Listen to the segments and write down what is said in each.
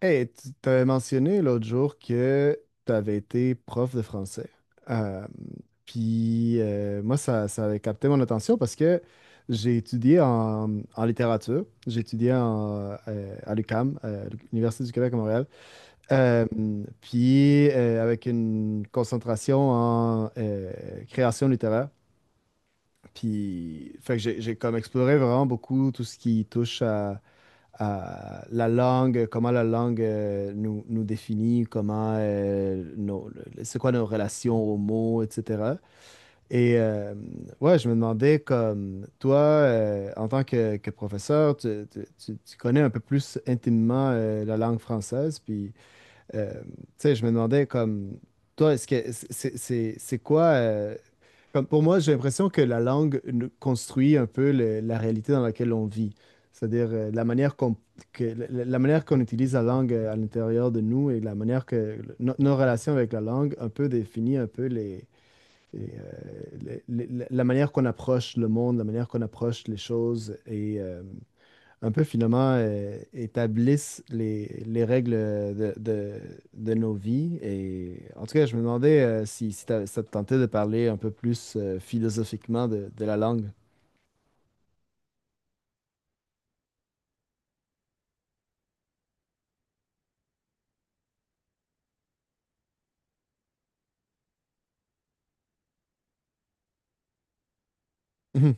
Hey, tu t'avais mentionné l'autre jour que tu avais été prof de français. Euh, puis moi, ça avait capté mon attention parce que j'ai étudié en littérature, j'ai étudié en, à l'UQAM, l'Université du Québec à Montréal. Euh, puis Avec une concentration en création littéraire. Puis, fait que j'ai comme exploré vraiment beaucoup tout ce qui touche à la langue, comment la langue nous définit, comment c'est quoi nos relations aux mots, etc. Et euh, ouais, je me demandais comme toi, en tant que professeur, tu connais un peu plus intimement la langue française, puis tu sais, je me demandais comme toi, est-ce que c'est quoi comme pour moi, j'ai l'impression que la langue nous construit un peu la réalité dans laquelle on vit. C'est-à-dire la manière qu'on manière qu'on utilise la langue à l'intérieur de nous, et la manière que nos relations avec la langue un peu définit un peu la manière qu'on approche le monde, la manière qu'on approche les choses, et un peu finalement établissent les règles de nos vies. Et en tout cas, je me demandais si ça te tentait de parler un peu plus philosophiquement de la langue. Mhm.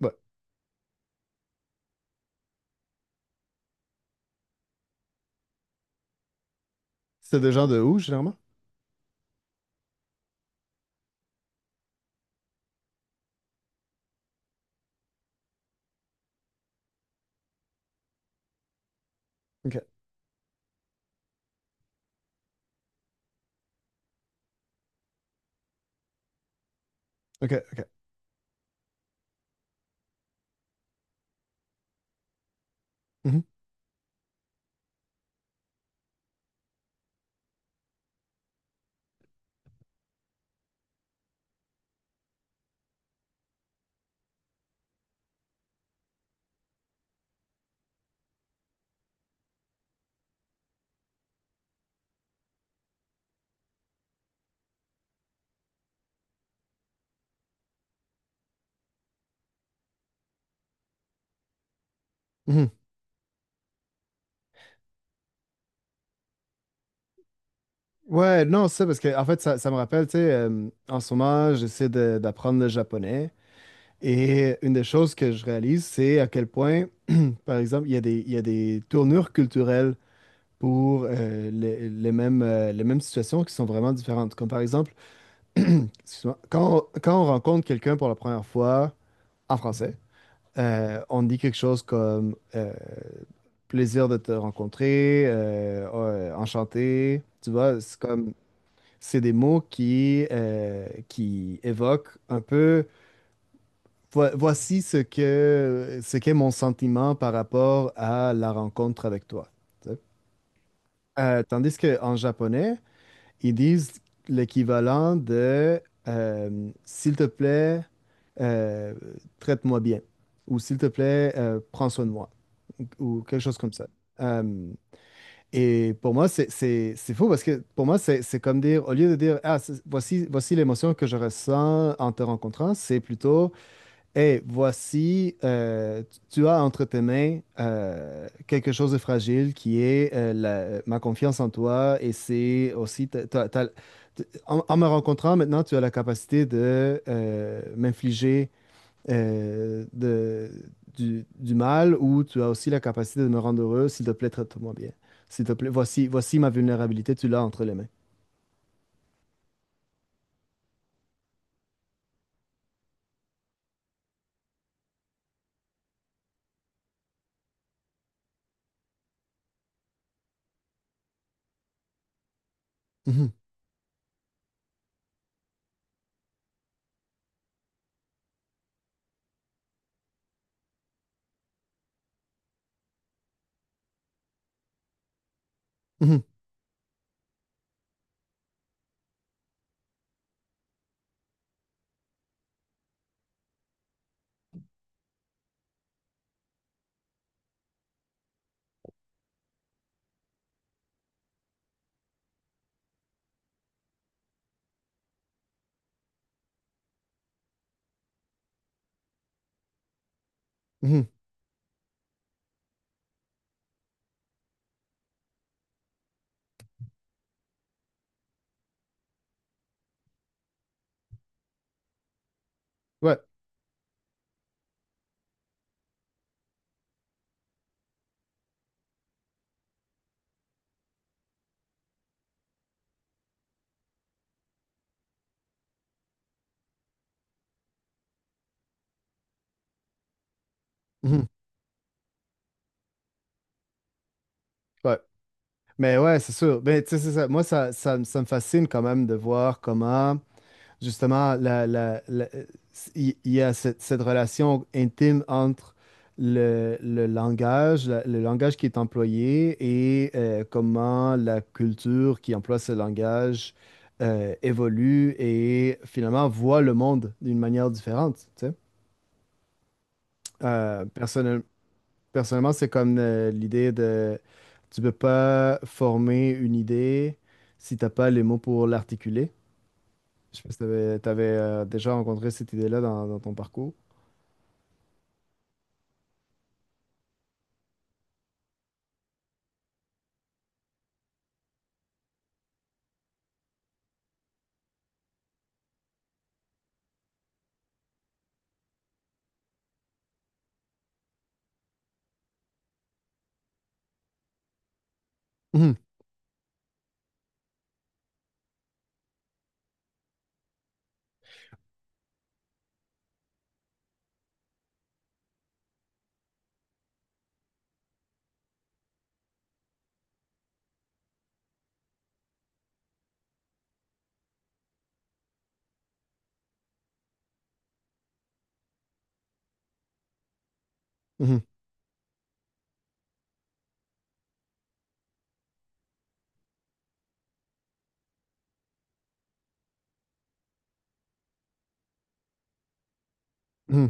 Ouais. C'est des gens de où, généralement? OK. OK. OK. Mhm. Mhm. Ouais, non, c'est ça, parce que en fait, ça me rappelle, tu sais, en ce moment, d'apprendre le japonais. Et une des choses que je réalise, c'est à quel point, par exemple, il y a il y a des tournures culturelles pour les mêmes situations qui sont vraiment différentes. Comme par exemple, excuse-moi, quand quand on rencontre quelqu'un pour la première fois en français, on dit quelque chose comme plaisir de te rencontrer, enchanté. Tu vois, c'est comme c'est des mots qui évoquent un peu voici ce qu'est mon sentiment par rapport à la rencontre avec toi, tu sais. Tandis qu'en japonais, ils disent l'équivalent de s'il te plaît, euh, traite-moi bien, ou s'il te plaît, prends soin de moi, ou quelque chose comme ça. Euh, et pour moi, c'est fou parce que pour moi, c'est comme dire, au lieu de dire, ah, voici, voici l'émotion que je ressens en te rencontrant, c'est plutôt. Et voici, tu as entre tes mains quelque chose de fragile qui est ma confiance en toi, et c'est aussi, en me rencontrant maintenant, tu as la capacité de m'infliger euh, de- du mal, ou tu as aussi la capacité de me rendre heureux. S'il te plaît, traite-moi bien. S'il te plaît, voici, voici ma vulnérabilité, tu l'as entre les mains. Mhm, mhm, mhm. Ouais, mhm, ouais. Mais ouais, c'est sûr. Mais tu sais, c'est ça. Moi, ça me fascine quand même de voir comment, justement, il y a cette, cette relation intime entre le langage, le langage qui est employé, et comment la culture qui emploie ce langage évolue et finalement voit le monde d'une manière différente, tu sais. Euh, personnel- Personnellement, c'est comme l'idée de: tu peux pas former une idée si t'as pas les mots pour l'articuler. Je sais pas si déjà rencontré cette idée-là dans ton parcours. Mhm, mhm, mhm.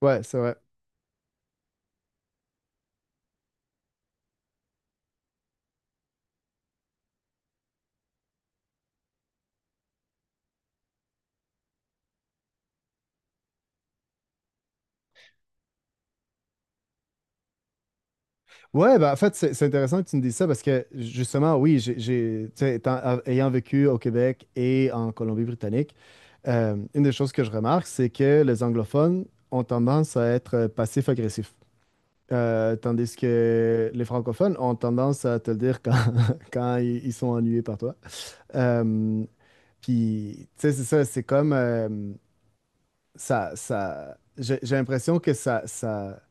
Ouais, c'est vrai. Ouais, bah en fait, c'est intéressant que tu me dises ça parce que justement, oui, tu sais, ayant vécu au Québec et en Colombie-Britannique, une des choses que je remarque, c'est que les anglophones ont tendance à être passifs-agressifs. Tandis que les francophones ont tendance à te le dire quand, quand ils sont ennuyés par toi. Euh, Tu sais, c'est ça, c'est comme j'ai l'impression que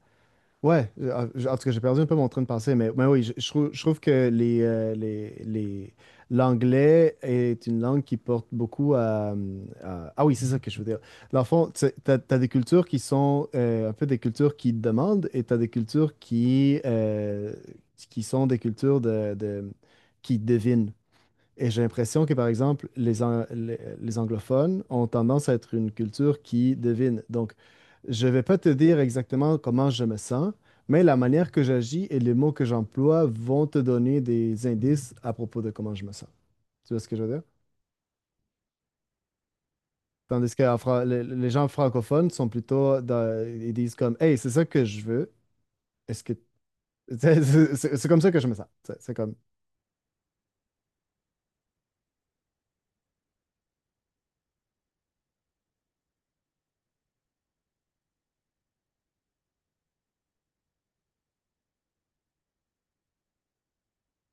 Ouais, euh, en en tout cas, j'ai perdu un peu mon train de pensée, mais oui, je trouve que l'anglais est une langue qui porte beaucoup Ah oui, c'est ça que je veux dire. Dans le fond, tu as des cultures qui sont un peu des cultures qui demandent, et tu as des cultures qui sont des cultures qui devinent. Et j'ai l'impression que, par exemple, les anglophones ont tendance à être une culture qui devine. Donc, je ne vais pas te dire exactement comment je me sens, mais la manière que j'agis et les mots que j'emploie vont te donner des indices à propos de comment je me sens. Tu vois ce que je veux dire? Tandis que les gens francophones sont plutôt, ils disent comme, Hey, c'est ça que je veux. Est-ce que c'est c'est comme ça que je me sens. C'est comme,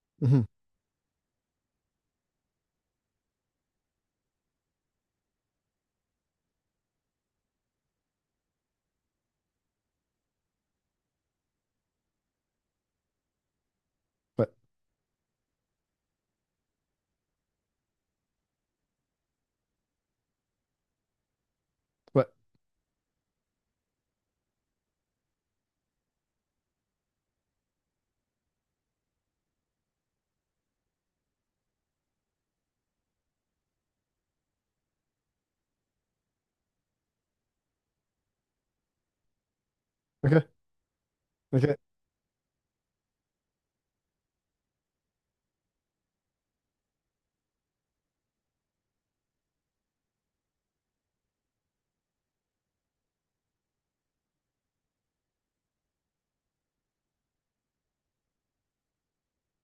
Mhm, ouais, ouais, ok, ok,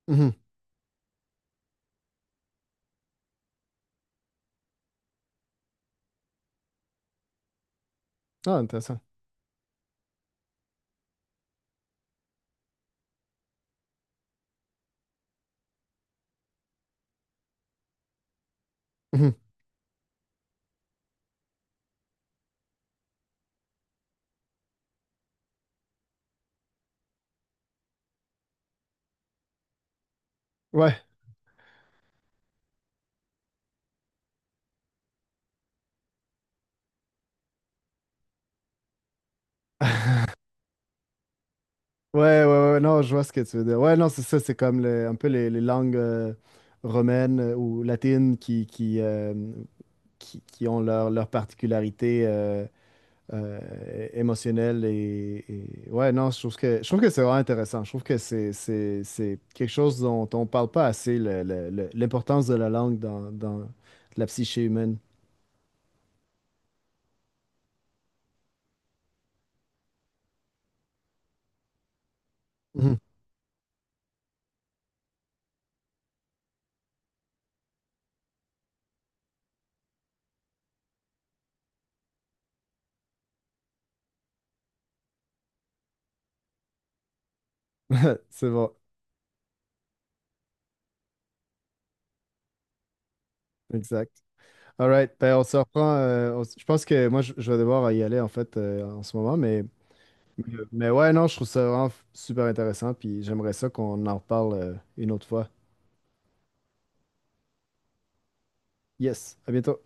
mhm. Ah, intéressant. Mhm. Ouais. Ouais, ouais, ouais, non, je vois ce que tu veux dire. Ouais, non, c'est ça, c'est comme un peu les langues romaines ou latines qui ont leur particularité euh, émotionnelle. Et- ouais, non, je trouve que c'est vraiment intéressant. Je trouve que c'est quelque chose dont on parle pas assez, l'importance de la langue dans la psyché humaine. Mhm. C'est bon, exact. All right, ben on se reprend. Je pense que moi, je vais devoir y aller en fait en ce moment, mais. Mais ouais, non, je trouve ça vraiment super intéressant, puis j'aimerais ça qu'on en reparle une autre fois. Yes, à bientôt.